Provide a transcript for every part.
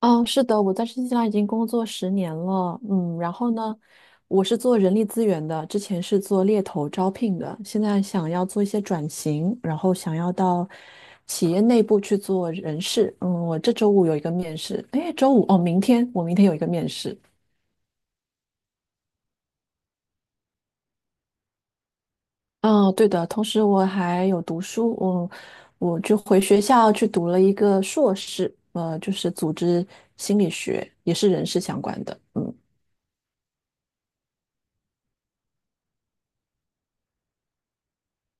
嗯，是的，我在新西兰已经工作10年了。嗯，然后呢，我是做人力资源的，之前是做猎头招聘的，现在想要做一些转型，然后想要到企业内部去做人事。嗯，我这周五有一个面试，诶，周五哦，明天有一个面试。嗯，对的，同时我还有读书，我就回学校去读了一个硕士，就是组织心理学，也是人事相关的。嗯。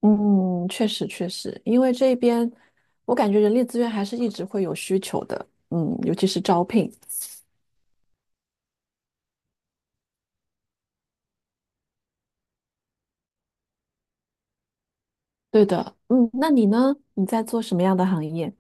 嗯，确实确实，因为这边我感觉人力资源还是一直会有需求的，尤其是招聘。对的，那你呢？你在做什么样的行业？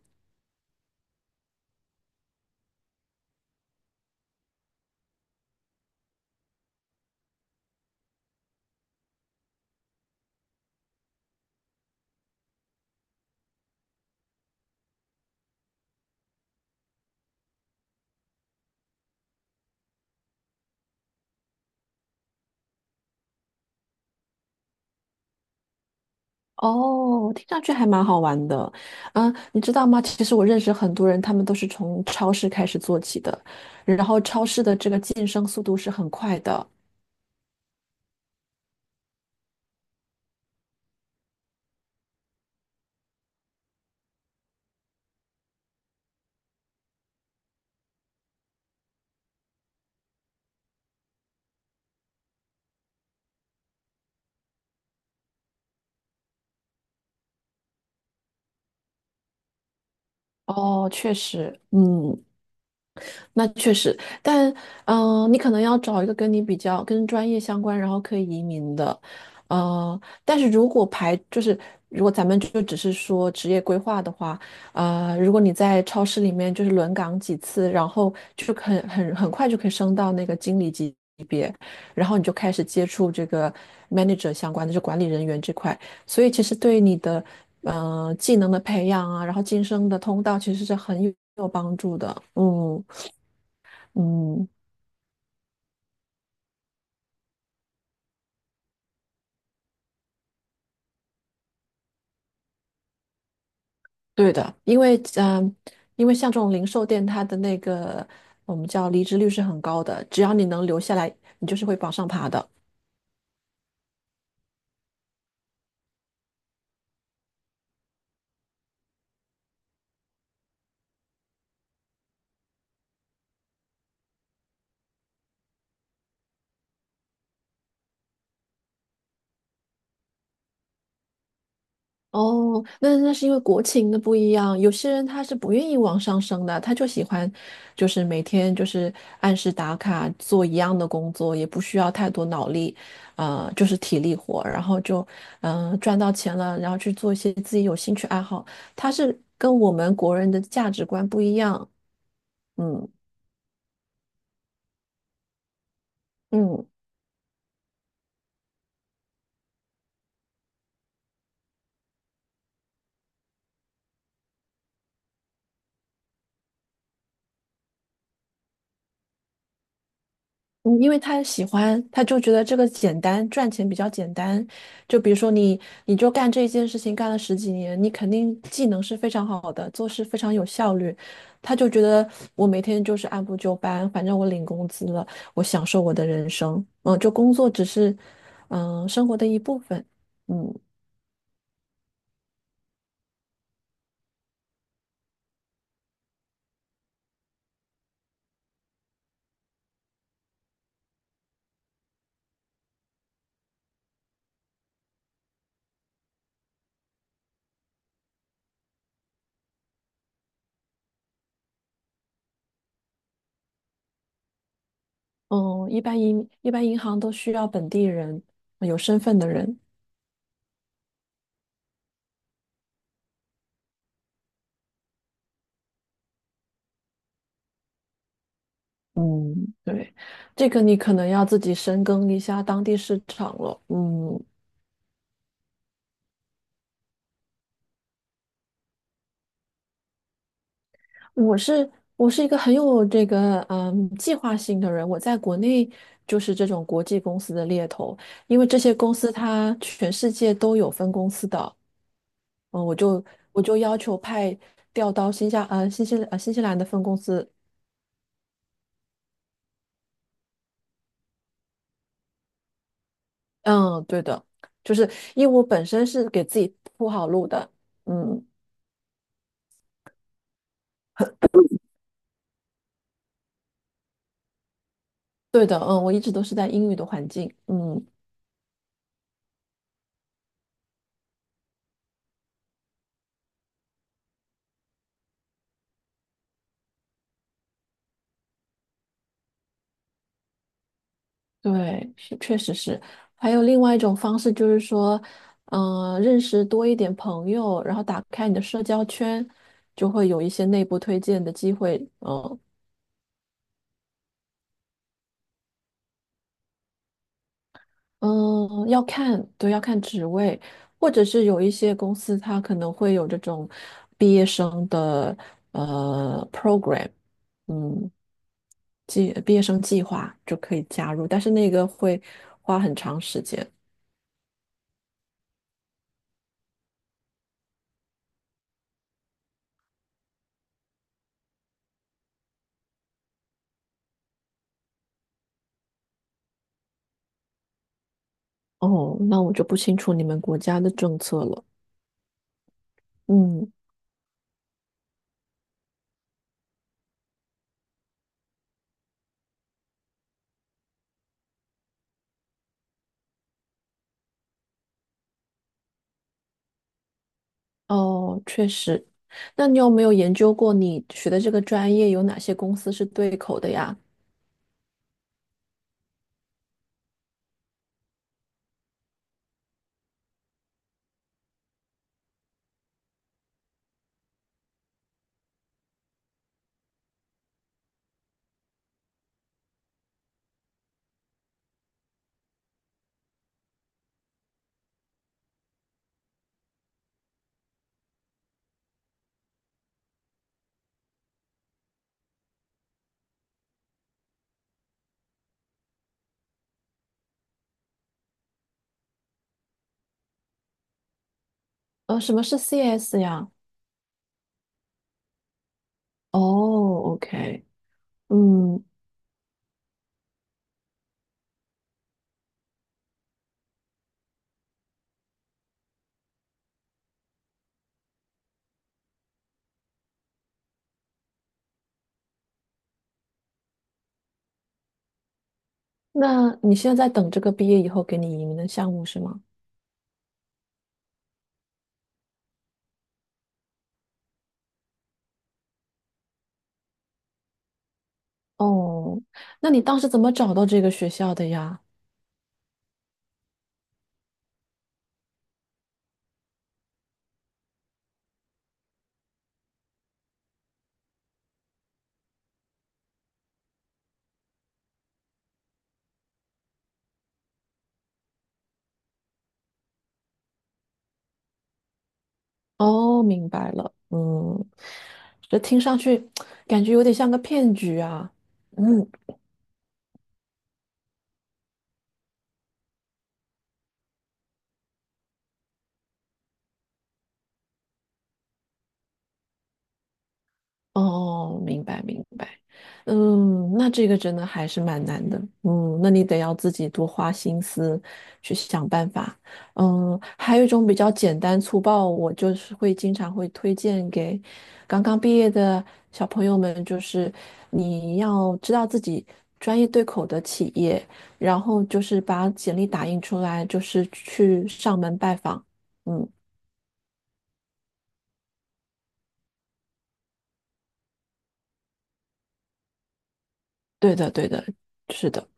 哦，听上去还蛮好玩的。嗯，你知道吗？其实我认识很多人，他们都是从超市开始做起的，然后超市的这个晋升速度是很快的。哦，确实，那确实，但你可能要找一个跟你比较跟专业相关，然后可以移民的，但是如果咱们就只是说职业规划的话，如果你在超市里面就是轮岗几次，然后就很快就可以升到那个经理级别，然后你就开始接触这个 manager 相关的，就管理人员这块，所以其实对你的技能的培养啊，然后晋升的通道其实是很有帮助的，嗯。嗯，对的，因为像这种零售店，它的那个我们叫离职率是很高的，只要你能留下来，你就是会往上爬的。哦，那是因为国情的不一样，有些人他是不愿意往上升的，他就喜欢，就是每天就是按时打卡做一样的工作，也不需要太多脑力，就是体力活，然后就赚到钱了，然后去做一些自己有兴趣爱好，他是跟我们国人的价值观不一样，嗯。嗯嗯，因为他喜欢，他就觉得这个简单，赚钱比较简单。就比如说你，你就干这一件事情干了十几年，你肯定技能是非常好的，做事非常有效率。他就觉得我每天就是按部就班，反正我领工资了，我享受我的人生。嗯，就工作只是生活的一部分。嗯嗯，一般银行都需要本地人，有身份的人。嗯，对，这个你可能要自己深耕一下当地市场了。嗯，我是我是一个很有这个计划性的人，我在国内就是这种国际公司的猎头，因为这些公司它全世界都有分公司的，嗯，我就要求派调到新西兰的分公司，嗯，对的，就是因为我本身是给自己铺好路的，嗯，对的，嗯，我一直都是在英语的环境，嗯。对，是确实是。还有另外一种方式，就是说，认识多一点朋友，然后打开你的社交圈，就会有一些内部推荐的机会。嗯、嗯、要看，对，要看职位，或者是有一些公司它可能会有这种毕业生的program，嗯，毕业生计划就可以加入，但是那个会花很长时间。哦，那我就不清楚你们国家的政策了。嗯。哦，确实。那你有没有研究过你学的这个专业有哪些公司是对口的呀？什么是 CS 呀？哦，OK，嗯，那你现在在等这个毕业以后给你移民的项目是吗？哦，那你当时怎么找到这个学校的呀？哦，明白了，嗯，这听上去感觉有点像个骗局啊。嗯。哦，明白明白，嗯，那这个真的还是蛮难的，那你得要自己多花心思去想办法，还有一种比较简单粗暴，我就是会经常会推荐给刚刚毕业的小朋友们，就是你要知道自己专业对口的企业，然后就是把简历打印出来，就是去上门拜访，嗯，对的对的，是的，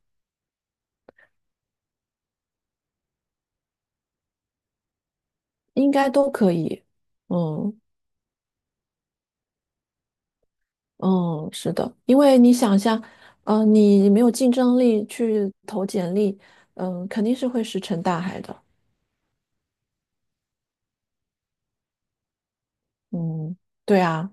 应该都可以，嗯。嗯，是的，因为你想一下，你没有竞争力去投简历，肯定是会石沉大海的。嗯，对啊，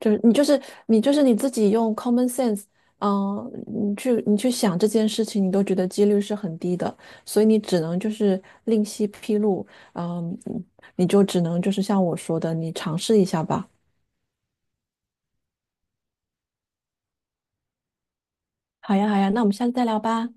就是你就是你就是你自己用 common sense，你去想这件事情，你都觉得几率是很低的，所以你只能就是另辟蹊路，嗯、你就只能就是像我说的，你尝试一下吧。好呀，好呀，那我们下次再聊吧。